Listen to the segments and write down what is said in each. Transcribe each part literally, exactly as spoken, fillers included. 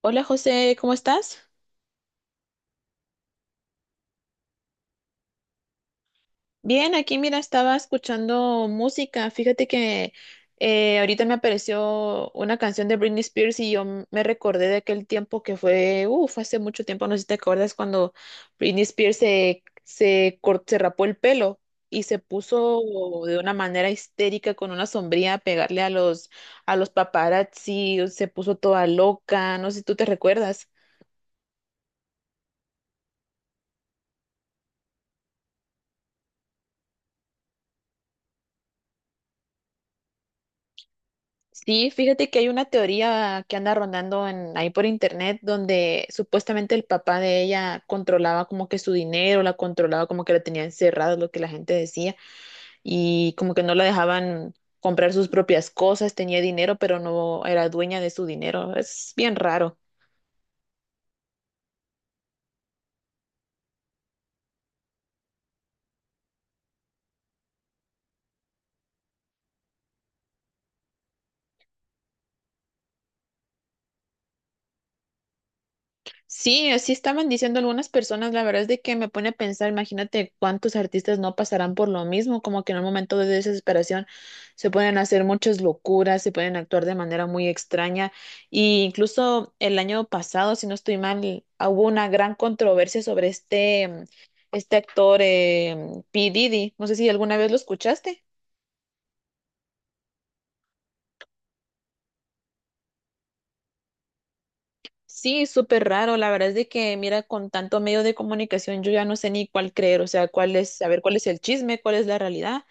Hola José, ¿cómo estás? Bien, aquí mira, estaba escuchando música. Fíjate que eh, ahorita me apareció una canción de Britney Spears y yo m- me recordé de aquel tiempo que fue, uff, hace mucho tiempo, no sé si te acuerdas cuando Britney Spears se, se, cor- se rapó el pelo y se puso de una manera histérica con una sombrilla a pegarle a los, a los paparazzi, se puso toda loca, no sé si tú te recuerdas. Sí, fíjate que hay una teoría que anda rondando en, ahí por internet, donde supuestamente el papá de ella controlaba como que su dinero, la controlaba como que la tenía encerrada, es lo que la gente decía, y como que no la dejaban comprar sus propias cosas, tenía dinero, pero no era dueña de su dinero. Es bien raro. Sí, así estaban diciendo algunas personas. La verdad es de que me pone a pensar, imagínate cuántos artistas no pasarán por lo mismo, como que en un momento de desesperación se pueden hacer muchas locuras, se pueden actuar de manera muy extraña, y incluso el año pasado, si no estoy mal, hubo una gran controversia sobre este, este actor, eh, P. Diddy, no sé si alguna vez lo escuchaste. Sí, súper raro. La verdad es de que mira, con tanto medio de comunicación yo ya no sé ni cuál creer, o sea, cuál es, saber cuál es el chisme, cuál es la realidad.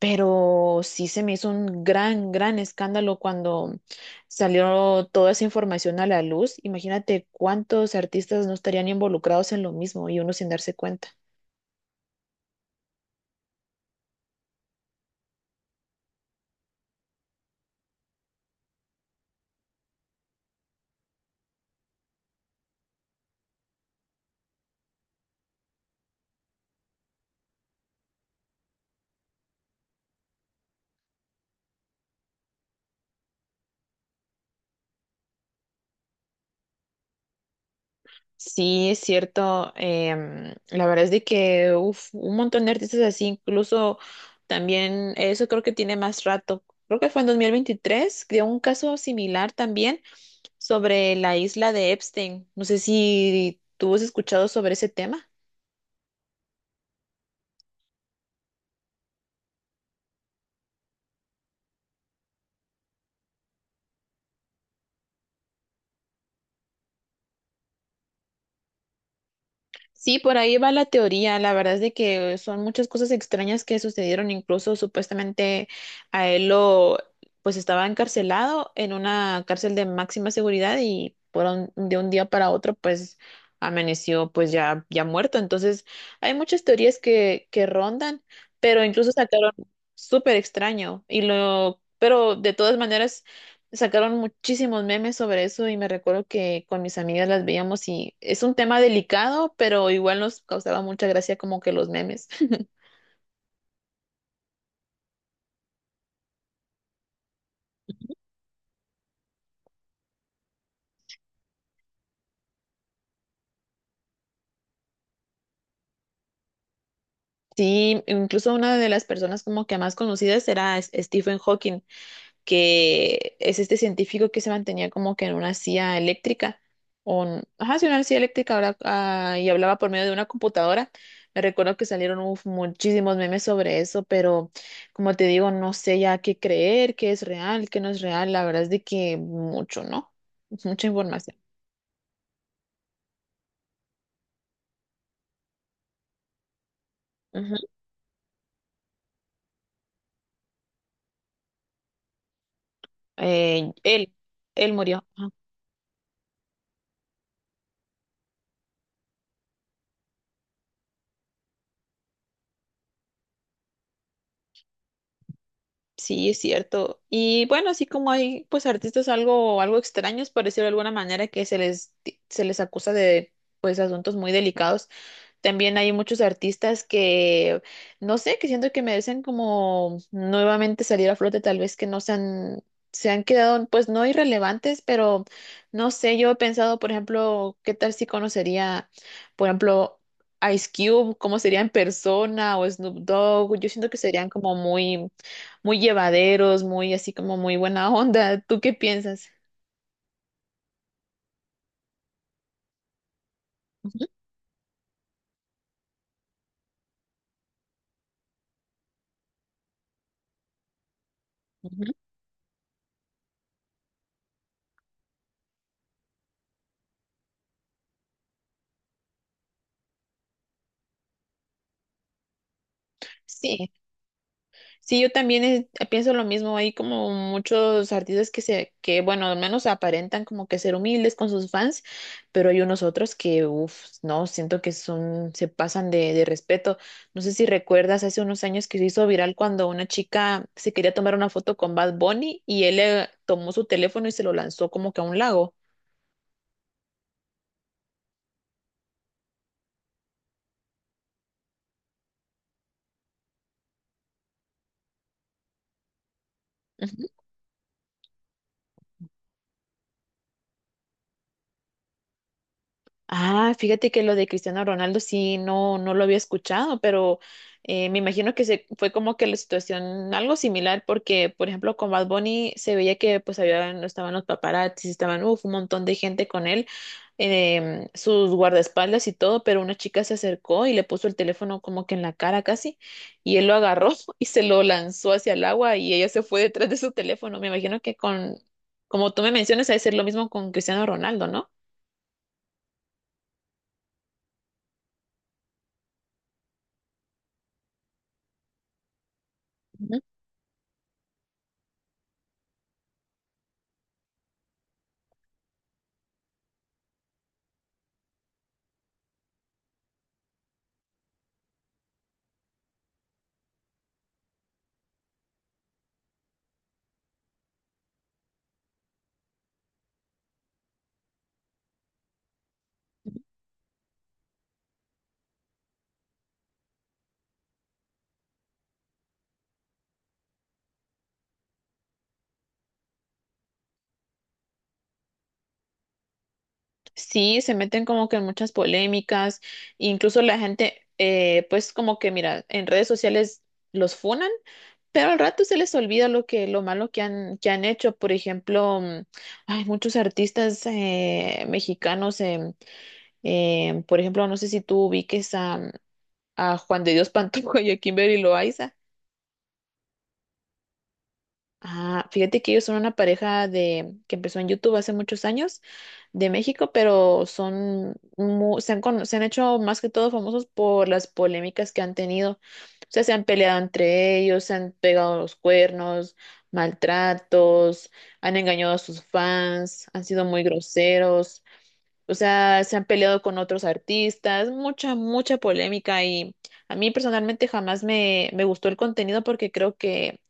Pero sí se me hizo un gran, gran escándalo cuando salió toda esa información a la luz. Imagínate cuántos artistas no estarían involucrados en lo mismo y uno sin darse cuenta. Sí, es cierto. Em, la verdad es de que uf, un montón de artistas así. Incluso también eso creo que tiene más rato. Creo que fue en dos mil veintitrés, de un caso similar también, sobre la isla de Epstein. No sé si tú has escuchado sobre ese tema. Sí, por ahí va la teoría. La verdad es de que son muchas cosas extrañas que sucedieron. Incluso supuestamente a él lo, pues estaba encarcelado en una cárcel de máxima seguridad, y por un- de un día para otro, pues amaneció, pues ya, ya muerto. Entonces, hay muchas teorías que, que rondan, pero incluso sacaron súper extraño y lo, pero de todas maneras. Sacaron muchísimos memes sobre eso, y me recuerdo que con mis amigas las veíamos, y es un tema delicado, pero igual nos causaba mucha gracia como que los memes. Sí, incluso una de las personas como que más conocidas era S- Stephen Hawking, que es este científico que se mantenía como que en una silla eléctrica, o en- ajá, sí, una silla eléctrica, habla- ah, y hablaba por medio de una computadora. Me recuerdo que salieron uf, muchísimos memes sobre eso, pero como te digo, no sé ya qué creer, qué es real, qué no es real. La verdad es de que mucho, ¿no? Es mucha información. Ujú. Eh, él, él murió. Sí, es cierto. Y bueno, así como hay pues artistas algo, algo extraños, por decirlo de alguna manera, que se les, se les acusa de pues asuntos muy delicados. También hay muchos artistas que, no sé, que siento que merecen como nuevamente salir a flote, tal vez que no se han, se han quedado, pues no irrelevantes, pero no sé, yo he pensado, por ejemplo, qué tal si conocería, por ejemplo, Ice Cube, cómo sería en persona, o Snoop Dogg. Yo siento que serían como muy, muy llevaderos, muy así como muy buena onda. ¿Tú qué piensas? Ujú, ujú. Sí, sí, yo también, eh, pienso lo mismo. Hay como muchos artistas que se, que bueno, al menos aparentan como que ser humildes con sus fans, pero hay unos otros que, uff, no, siento que son, se pasan de, de, respeto. No sé si recuerdas hace unos años que se hizo viral cuando una chica se quería tomar una foto con Bad Bunny, y él le tomó su teléfono y se lo lanzó como que a un lago. Ah, fíjate que lo de Cristiano Ronaldo sí, no, no lo había escuchado, pero eh, me imagino que se, fue como que la situación algo similar, porque por ejemplo con Bad Bunny se veía que pues había, estaban los paparazzis, estaban uf, un montón de gente con él, em, sus guardaespaldas y todo, pero una chica se acercó y le puso el teléfono como que en la cara casi, y él lo agarró y se lo lanzó hacia el agua, y ella se fue detrás de su teléfono. Me imagino que con, como tú me mencionas, ha de ser lo mismo con Cristiano Ronaldo, ¿no? Sí, se meten como que en muchas polémicas. Incluso la gente, eh, pues como que mira, en redes sociales los funan, pero al rato se les olvida lo que, lo malo que han, que han hecho. Por ejemplo, mm, hay muchos artistas, eh, mexicanos, em, em, por ejemplo, no sé si tú ubiques a, a Juan de Dios Pantoja y a Kimberly Loaiza. Ah, fíjate que ellos son una pareja de que empezó en YouTube hace muchos años, de México, pero son mu- se han, cono- se han hecho más que todo famosos por las polémicas que han tenido. O sea, se han peleado entre ellos, se han pegado los cuernos, maltratos, han engañado a sus fans, han sido muy groseros. O sea, se han peleado con otros artistas, mucha, mucha polémica, y a mí personalmente jamás me, me gustó el contenido, porque creo que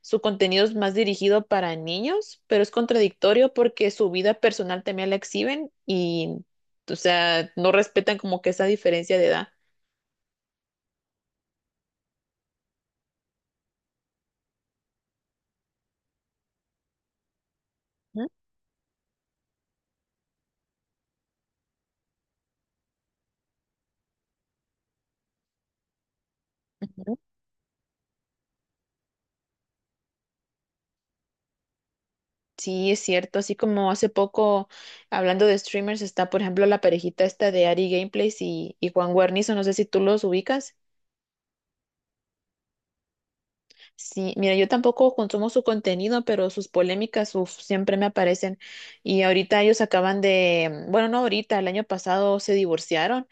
su contenido es más dirigido para niños, pero es contradictorio porque su vida personal también la exhiben y, o sea, no respetan como que esa diferencia de edad. Ujú, ujú. Sí, es cierto. Así como hace poco, hablando de streamers, está, por ejemplo, la parejita esta de Ari Gameplays y, y Juan Guarnizo, no sé si tú los ubicas. Sí, mira, yo tampoco consumo su contenido, pero sus polémicas, uf, siempre me aparecen. Y ahorita ellos acaban de, bueno, no ahorita, el año pasado se divorciaron,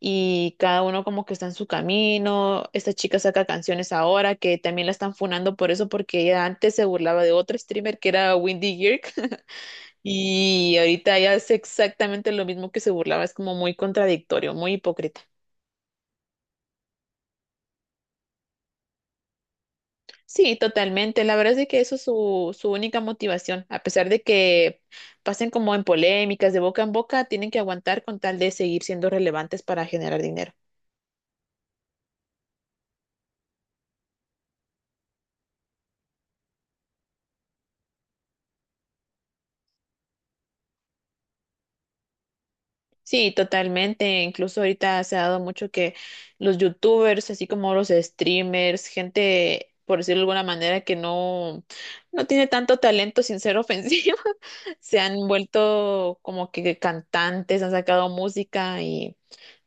y cada uno como que está en su camino. Esta chica saca canciones ahora, que también la están funando por eso, porque ella antes se burlaba de otro streamer que era Windy Girk y ahorita ella hace exactamente lo mismo que se burlaba. Es como muy contradictorio, muy hipócrita. Sí, totalmente. La verdad es que eso es su, su única motivación. A pesar de que pasen como en polémicas de boca en boca, tienen que aguantar con tal de seguir siendo relevantes para generar dinero. Sí, totalmente. Incluso ahorita se ha dado mucho que los youtubers, así como los streamers, gente, por decirlo de alguna manera, que no, no tiene tanto talento, sin ser ofensiva, se han vuelto como que cantantes, han sacado música.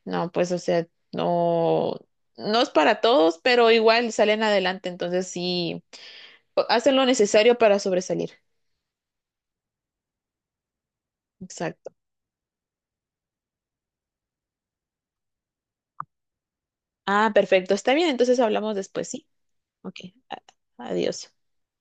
No, pues, o sea, no, no es para todos, pero igual salen adelante, entonces sí, hacen lo necesario para sobresalir. Exacto. Ah, perfecto, está bien, entonces hablamos después, ¿sí? Ok, a- adiós.